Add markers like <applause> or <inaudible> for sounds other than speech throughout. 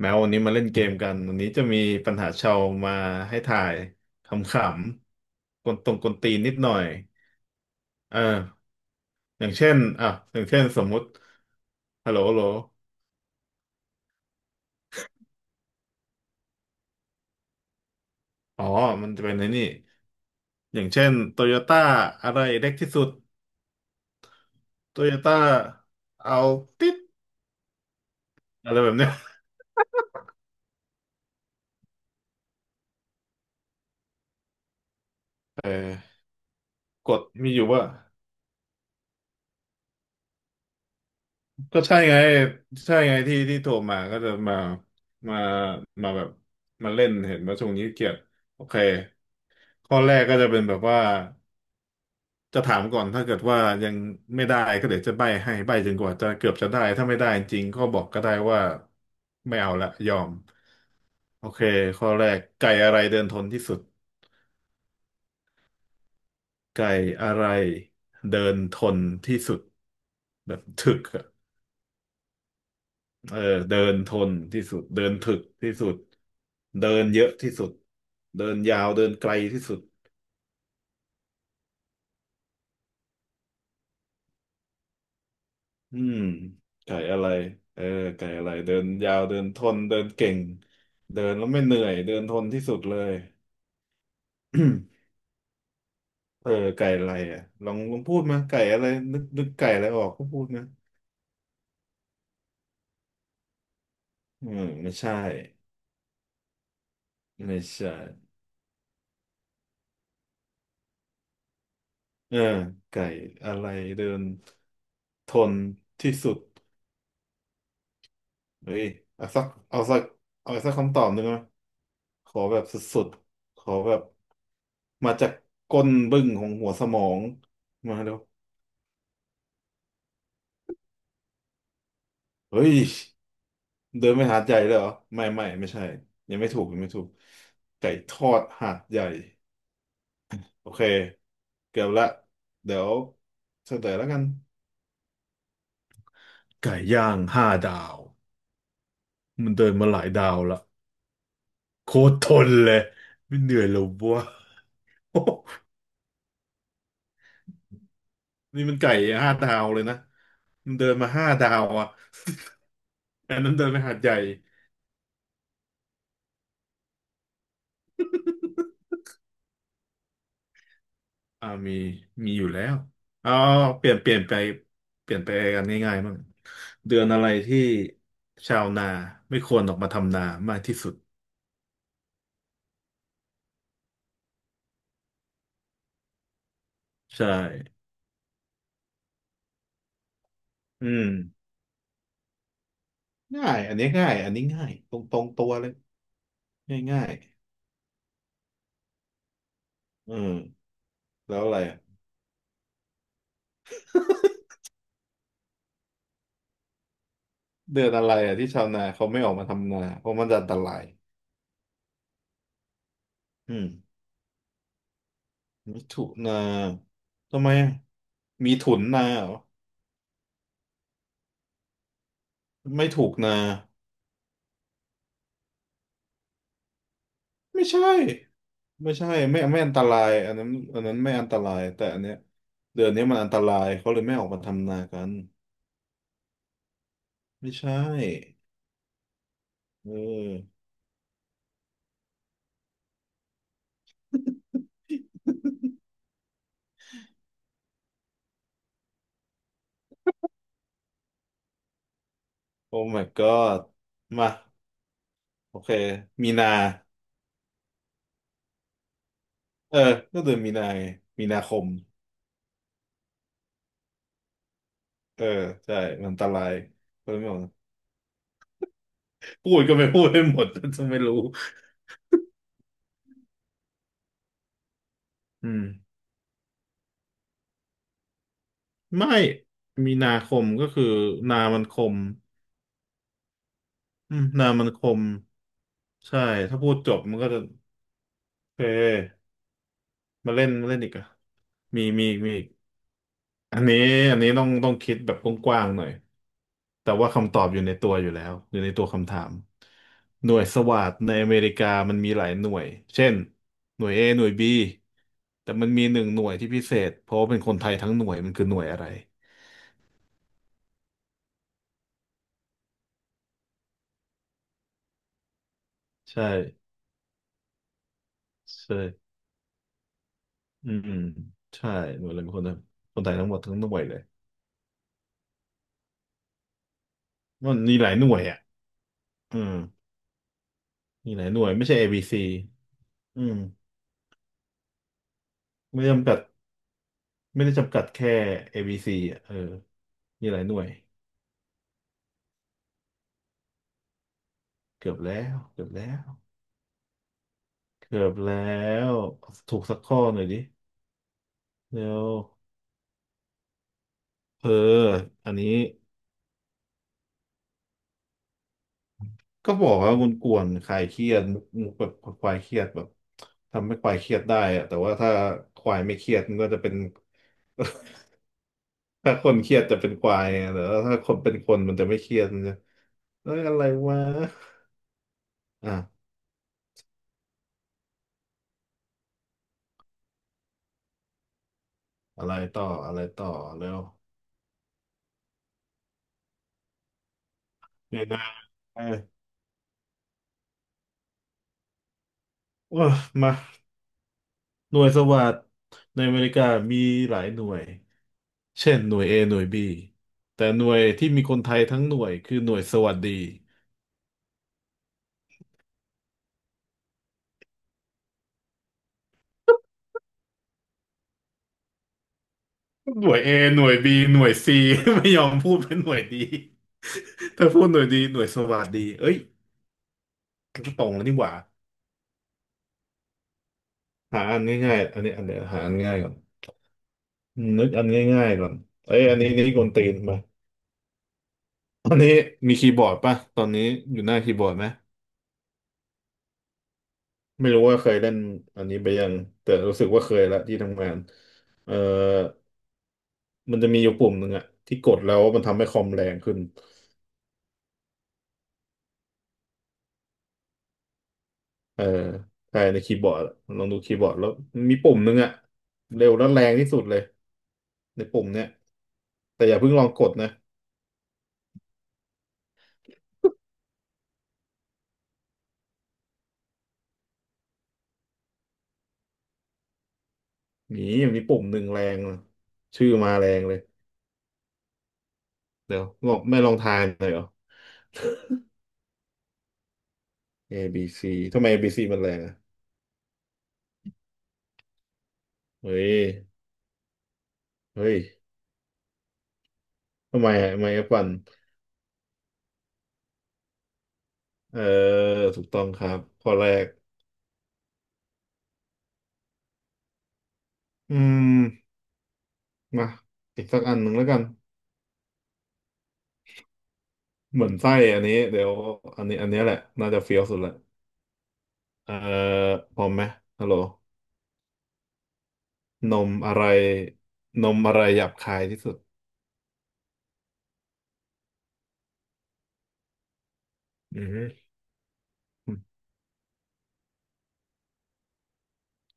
แม้วันนี้มาเล่นเกมกันวันนี้จะมีปัญหาชาวมาให้ถ่ายขำๆกวนตรงกวนตีนนิดหน่อยเอออย่างเช่นอ่ะอย่างเช่นสมมุติฮัลโหลฮัลโหลอ๋อมันจะเป็นในนี่ อย่างเช่นโตโยต้าอะไรเล็กที่สุดโตโยต้าเอาติดอะไรแบบเนี้ยเออกฎมีอยู่ว่า ก็ใช่ไงใช่ไงที่ที่โทรมาก็จะมามามาแบบมาเล่นเห็นว่าช่วงนี้เกียดโอเคข้อแรกก็จะเป็นแบบว่าจะถามก่อนถ้าเกิดว่ายังไม่ได้ก็เดี๋ยวจะใบ้ให้ใบ้จนกว่าจะเกือบจะได้ถ้าไม่ได้จริงก็บอกก็ได้ว่าไม่เอาละยอมโอเคข้อแรกไก่อะไรเดินทนที่สุดไก่อะไรเดินทนที่สุดแบบถึกอะ เออเดินทนที่สุดเดินถึกที่สุดเดินเยอะที่สุดเดินยาวเดินไกลที่สุดอืมไก่อะไรเออไก่อะไรเดินยาวเดินทนเดินเก่งเดินแล้วไม่เหนื่อยเดินทนที่สุดเลย <coughs> <clears throat> เออไก่อะไรอ่ะลองลองพูดมาไก่อะไรนึกนึกไก่อะไรออกก็พูดนะอืมไม่ใช่ไม่ใช่เออไก่อะไรเดินทนที่สุด เฮ้ยเอาสักเอาสักเอาสักคำตอบหนึ่งนะขอแบบสุดๆ ขอแบบมาจากก้นบึ้งของหัวสมองมาแล้วเฮ้ย เดินไปหาดใหญ่เลยเหรอ ไม่ไม่ไม่ใช่ ยังไม่ถูกยังไม่ถูกไก่ทอดหาดใหญ่โอเคเกือบละเดี๋ยวเฉลยแล้วกัน ไก่ย่างห้าดาวมันเดินมาหลายดาวละโคตรทนเลยไม่เหนื่อยเลยวะ <laughs> นี่มันไก่ห้าดาวเลยนะ มันเดินมาห้าดาวอ่ะ <laughs> อันนั้นเดินไปหาดใหญ่อ่ามีมีอยู่แล้วเอาเปลี่ยนเปลี่ยนไป เปลี่ยนไปกันง่ายๆบ้างเดือนอะไรที่ชาวนาไม่ควรออกมาทำนามากที่สุด ใช่ อืม ง่ายอันนี้ง่ายอันนี้ง่ายตรงตรงตัวเลย ง่ายง่ายอืมแล้วอะไรอะเดือนอะไรอ่ะที่ชาวนาเขาไม่ออกมาทำนาเพราะมันจะอันตรายอืม มิถุนาทำไมอะมีถุนนาเหรอไม่ถูกนาไม่ใช่ไม่ใช่ไม่ไม่อันตรายอันนั้นอันนั้นไม่อันตรายแต่อันเนี้ยเดือนนี้มันอันตรายเขาเลยไม่ออกมาทำนากันไม่ใช่เออโอ้ my god มาโอเคมีนาเออก็เดือนมีนาไงมีนาคมเออใช่มันอันตรายเขาเลยไม่ออกมาพูดก็ไม่พูดให้หมด <laughs> จะไม่รู้อืม ไม่มีนาคมก็คือนามันคมอืมนามันคมใช่ถ้าพูดจบมันก็จะโอเคมาเล่นมาเล่นอีกอะมีมีมีอีกอันนี้อันนี้ต้องต้องคิดแบบกว้างๆหน่อยแต่ว่าคำตอบอยู่ในตัวอยู่แล้วอยู่ในตัวคำถามหน่วยสวาทในอเมริกามันมีหลายหน่วยเช่นหน่วย A หน่วย B แต่มันมีหนึ่งหน่วยที่พิเศษเพราะว่าเป็นคนไทยทั้งหน่วยมันคือหน่วยอะไรใช่ใช่ อืมใช่หน่วยรวมคนคนไทยทั้งหมดทั้งหน่วยเลยมันมีหลายหน่วยอ่ะอืมมีหลายหน่วยไม่ใช่ ABC อบีซีอืมไม่ได้จำกัดไม่ได้จำกัดแค่ ABC อบีซีอ่ะเออมีหลายหน่วยเกือบแล้วเกือบแล้วเกือบแล้วถูกสักข้อหน่อยดิแล้วเอออันนี้ก็บอกว่าคุณกวนๆคลายเครียดมุกมุกแบบคลายเครียดแบบทำให้คลายเครียดได้อะแต่ว่าถ้าคลายไม่เครียดมันก็จะเป็น ถ้าคนเครียดจะเป็นควายไงแต่ว่าถ้าคนเป็นคนมันจะไม่เครียดมันจะเอ้ยอะไรวะอ่ะอะไรต่ออะไรต่อเร็วเนี่ยนะเออว้ามาหน่วยสวัสดในอเมริกามีหลายหน่วยเช่นหน่วย A หน่วย B แต่หน่วยที่มีคนไทยทั้งหน่วยคือหน่วยสวัสดีหน่วย A หน่วย B หน่วย C <laughs> ไม่ยอมพูดเป็นหน่วยดี <laughs> ถ้าพูดหน่วยดีหน่วยสวัสดีเอ้ยตรงแล้วนี่หว่าหาอันง่ายๆอันนี้อันเดียวหาอันง่ายก่อน อืมนึกอันง่ายๆก่อนเอ้ยอันนี้นี่กวนตีนป่ะอันนี้มีคีย์บอร์ดป่ะตอนนี้อยู่หน้าคีย์บอร์ดไหม ไม่รู้ว่าเคยเล่นอันนี้ไปยังแต่รู้สึกว่าเคยละที่ทำงานเออมันจะมีอยู่ปุ่มหนึ่งอะที่กดแล้วมันทำให้คอมแรงขึ้นเออใช่ในคีย์บอร์ดอะลองดูคีย์บอร์ดแล้วมีปุ่มหนึ่งอะเร็วและแรงที่สุดเลยในปุ่มเนี้ยแต่อย่าเพิ่งลองกดนะหนีมีปุ่มหนึ่งแรงอะชื่อมาแรงเลยเดี๋ยวลองไม่ลองทายหน่อยเหรอ A B C ทำไม A B C มันแรงอ่ะเฮ้ย เฮ้ย ทำไมอ่ะทำไมอะปั่นเออถูกต้องครับข้อแรกอืมมาอีกสักอันหนึ่งแล้วกัน เหมือนไส้อันนี้ เดี๋ยวอันนี้ อันนี้แหละ น่าจะเฟี้ยวสุดละเออ พร้อมไหมฮัลโหลนมอะไร นมอะไรหยาบคายที่สุด อือฮึ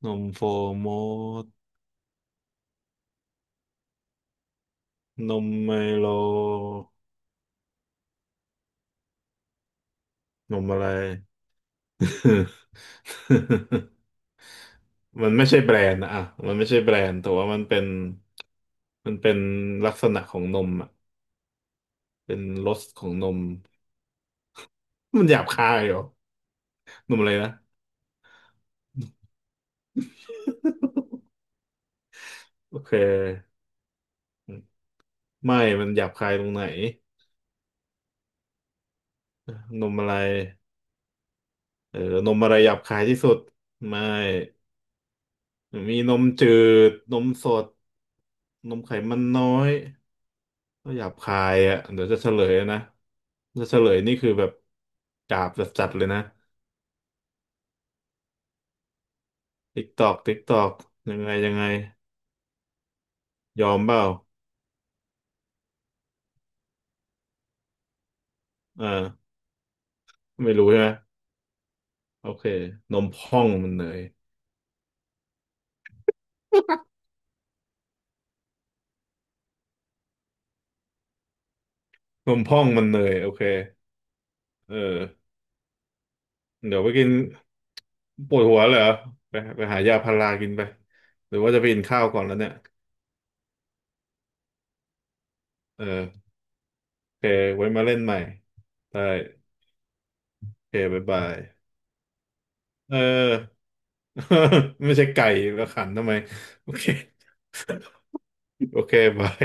นมโฟโมดนมไมโล นมอะไร <laughs> มันไม่ใช่แบรนด์นะอ่ะมันไม่ใช่แบรนด์แต่ว่ามันเป็นมันเป็นลักษณะของนมอ่ะเป็นรสของนมมันหยาบคายเหรอนมอะไรนะโอเคไม่มันหยาบคายตรงไหนนมอะไรเออนมอะไรหยาบคายที่สุดไม่มีนมจืดนมสด นมไขมันน้อยก็หยาบคายอ่ะเดี๋ยวจะเฉลยนะจะเฉลยนี่คือแบบหยาบจัดๆเลยนะ ติ๊กตอกติ๊กตอกยังไงยังไง ยอมเปล่าอ่าไม่รู้ใช่ไหม โอเค นมพองมันเนยนมพองมันเนยโอเคเออเดี๋ยวไปกินปวดหัวเหรอไปไปหายาพารากินไป หรือว่าจะไปกินข้าวก่อนแล้วเนี่ยเออโอเค ไว้มาเล่นใหม่ได้โอเคบ๊ายบายเออ <laughs> ไม่ใช่ไก่แล้วขันทำไมโอเค <laughs> โอเคบาย